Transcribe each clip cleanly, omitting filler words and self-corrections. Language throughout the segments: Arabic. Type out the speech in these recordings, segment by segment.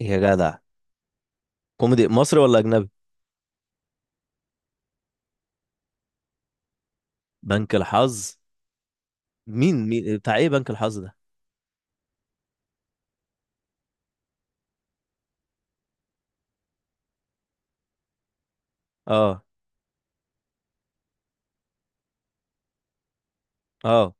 يا جدع، كوميدي مصري ولا اجنبي؟ بنك الحظ. مين بتاع ايه بنك الحظ ده؟ اه، اه.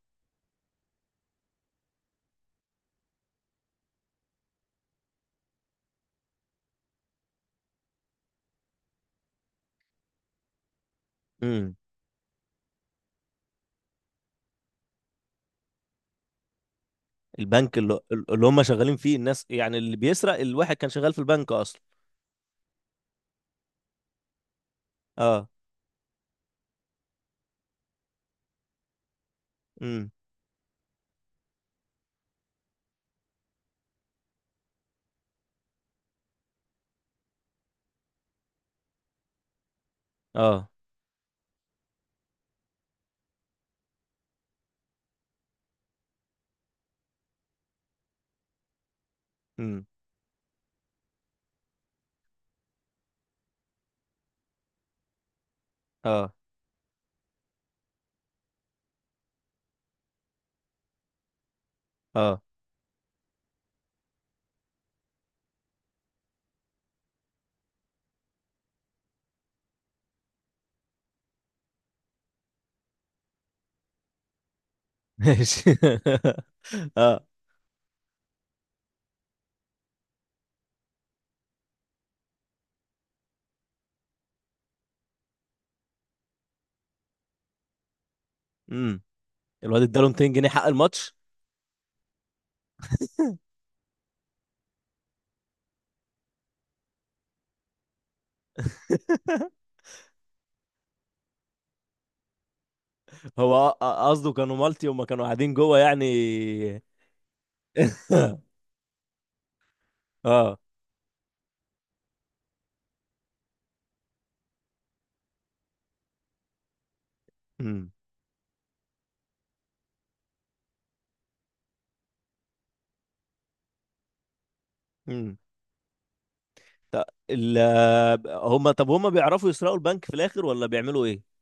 امم. البنك اللي هم شغالين فيه، الناس يعني اللي بيسرق الواحد كان شغال في البنك اصلا. اه. امم. اه. امم. اه، اه، ماشي. اه. امم. الواد اداله 200 جنيه حق الماتش. هو قصده كانوا مالتي وما كانوا قاعدين جوه يعني. اه. امم. ط- ال هم طب هم بيعرفوا يسرقوا البنك في الاخر ولا بيعملوا ايه؟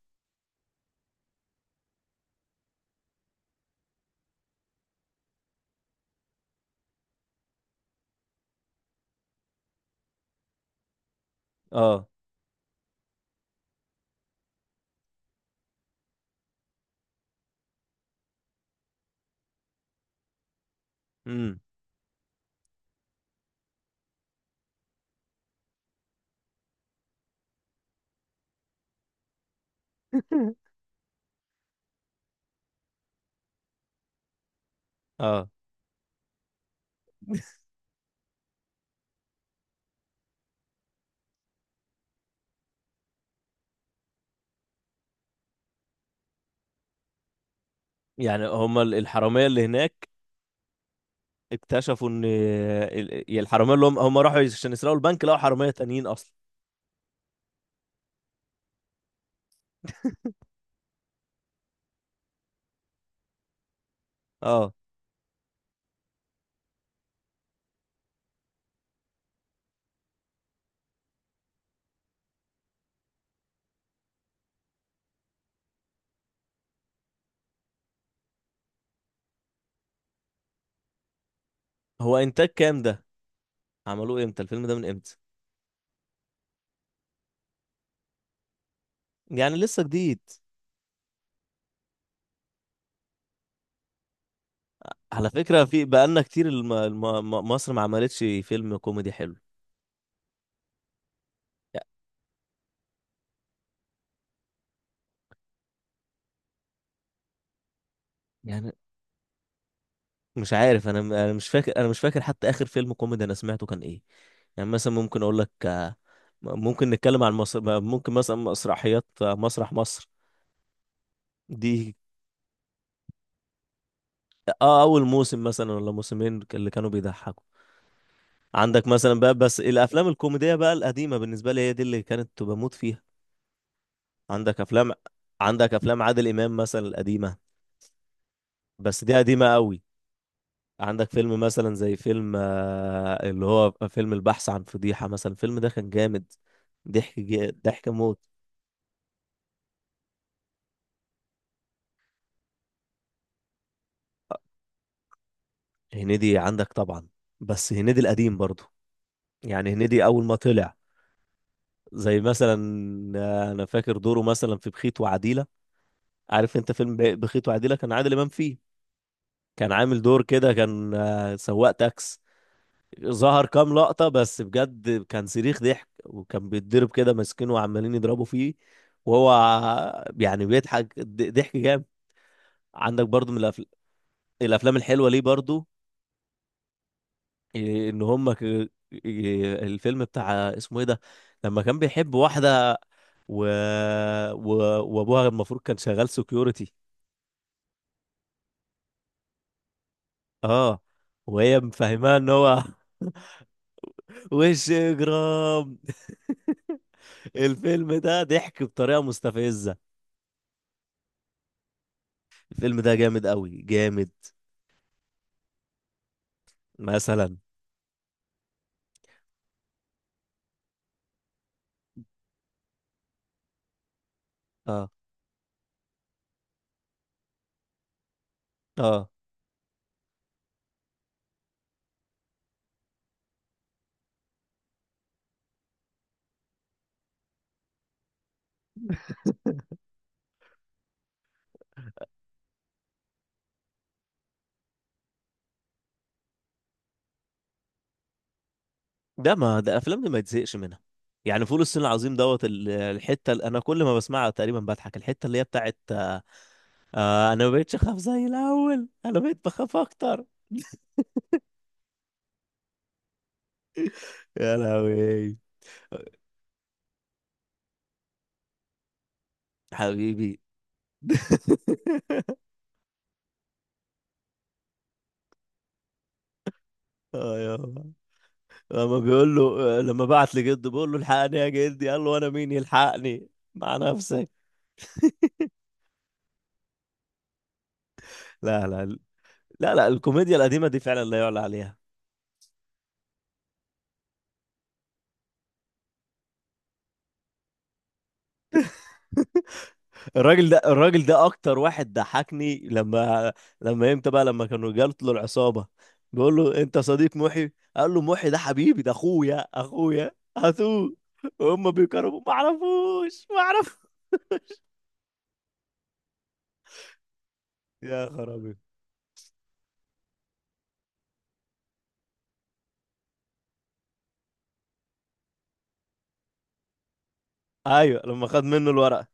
اه. امم. اه. يعني هم الحراميه اللي هناك اكتشفوا ان الحراميه اللي هم راحوا عشان يسرقوا البنك، لقوا حراميه تانيين اصلا. اه. هو انتاج كام ده؟ عملوه امتى الفيلم ده، من امتى؟ يعني لسه جديد؟ على فكره، في بقالنا كتير، مصر ما عملتش فيلم كوميدي حلو. يعني مش عارف، انا مش فاكر، انا مش فاكر حتى اخر فيلم كوميدي انا سمعته كان ايه. يعني مثلا ممكن اقول لك، ممكن نتكلم عن مصر، ممكن مثلا مسرحيات، مسرح مصر. دي. اه، اول موسم مثلا ولا موسمين اللي كانوا بيضحكوا. عندك مثلا بقى بس الافلام الكوميديه بقى القديمه بالنسبه لي هي دي اللي كانت بموت فيها. عندك افلام. عندك افلام عادل امام مثلا القديمه. بس دي قديمه قوي. عندك فيلم مثلا زي فيلم، اللي هو فيلم البحث عن فضيحة، مثلا الفيلم ده كان جامد. ضحك موت. هنيدي عندك طبعا. بس هنيدي القديم برضو. يعني هنيدي أول ما طلع. زي مثلا، أنا فاكر دوره مثلا في بخيت وعديلة. عارف أنت فيلم بخيت وعديلة، كان عادل إمام فيه. كان عامل دور كده، كان، سواق تاكس. ظهر كام لقطة بس بجد كان صريخ ضحك، وكان بيتضرب كده ماسكينه وعمالين يضربوا فيه. وهو يعني بيضحك ضحك جامد. عندك برضو الأفلام الحلوة ليه برضو. إيه، إن هم ك... إيه، الفيلم بتاع اسمه إيه ده، لما كان بيحب واحدة و... و... وأبوها المفروض كان شغال سكيورتي. اه. وهي مفهماه إن هو. وش إجرام. الفيلم ده ضحك بطريقة مستفزة. الفيلم ده جامد قوي جامد. مثلا. اه، اه. ده ما ده الافلام دي ما يتزهقش منها. يعني فول الصين العظيم دوت، الحته اللي انا كل ما بسمعها تقريبا بضحك، الحته اللي هي بتاعت آه، انا ما بقتش اخاف زي الاول انا بقيت بخاف اكتر. يا لهوي. حبيبي. اه يا الله. لما بعت لجده بيقول له الحقني يا جدي، قال له انا مين يلحقني. مع نفسك. لا، لا. لا، لا، الكوميديا القديمه دي فعلا لا يعلى عليها. الراجل ده اكتر واحد ضحكني لما امتى بقى لما كانوا جات له العصابه، بيقول له انت صديق محي، قال له محي ده حبيبي، ده اخويا اخويا، هاتوه. وهم بيكرموا ما اعرفوش ما اعرف. يا خرابي. ايوه لما خد منه الورقه،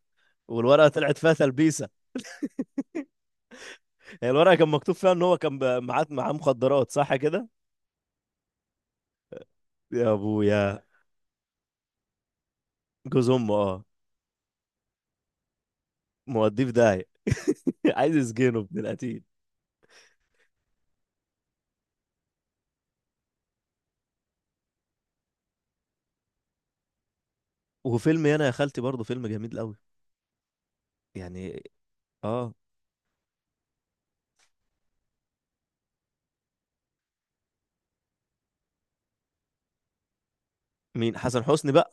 والورقه طلعت فيها تلبيسه. هي الورقه كان مكتوب فيها ان هو كان، معاه مخدرات، صح كده؟ يا ابويا. جوز امه، اه. موديه في داهيه. عايز يسجنه ابن القتيل. وفيلم يانا يا خالتي برضه فيلم جميل قوي. يعني. اه. مين، حسن حسني بقى؟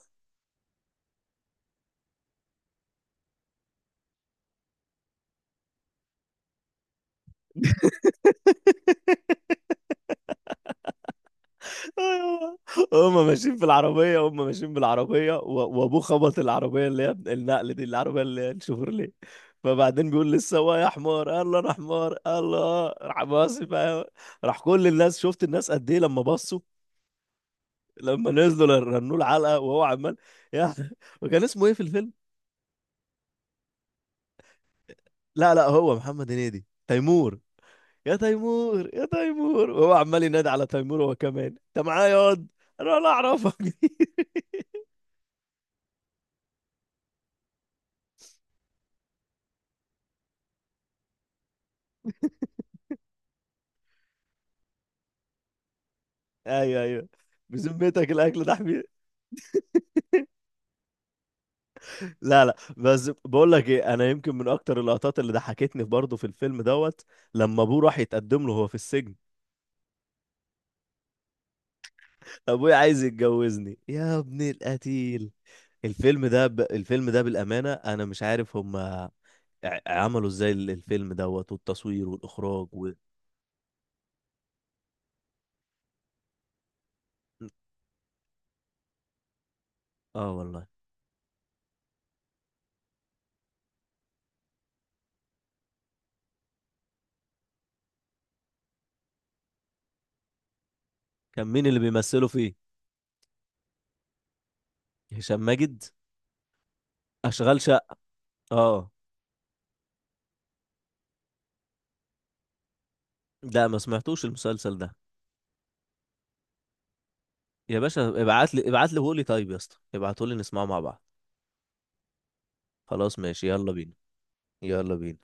هم ماشيين في العربية، هم ماشيين بالعربية، وابوه خبط العربية اللي هي النقل دي، العربية اللي هي الشوفرليه. فبعدين بيقول للسواق يا حمار، قال له انا حمار؟ قال له اه. راح باصي بقى، راح كل الناس، شفت الناس قد ايه لما بصوا. لما نزلوا رنوا العلقة وهو عمال، يا. وكان اسمه ايه في الفيلم؟ لا، لا، هو محمد هنيدي تيمور. يا تيمور، يا تيمور، وهو عمال ينادي على تيمور، هو كمان انت معايا ياض؟ انا ولا اعرفك. ايوه، ايوه. بذمتك الاكل ده حبيبي. لا، لا، بس بقول لك ايه، انا يمكن من اكتر اللقطات اللي ضحكتني برضه في الفيلم دوت، لما ابوه راح يتقدم له هو في السجن، ابويا عايز يتجوزني يا ابن القتيل. الفيلم ده بالامانه انا مش عارف هم عملوا ازاي الفيلم دوت والتصوير والاخراج اه والله. كان مين اللي بيمثله فيه؟ هشام ماجد. اشغال شقه. اه. لا، ما سمعتوش المسلسل ده. يا باشا، ابعت لي، ابعت لي، وقول لي طيب يا اسطى، ابعتوا لي نسمعه مع بعض. خلاص ماشي، يلا بينا. يلا بينا.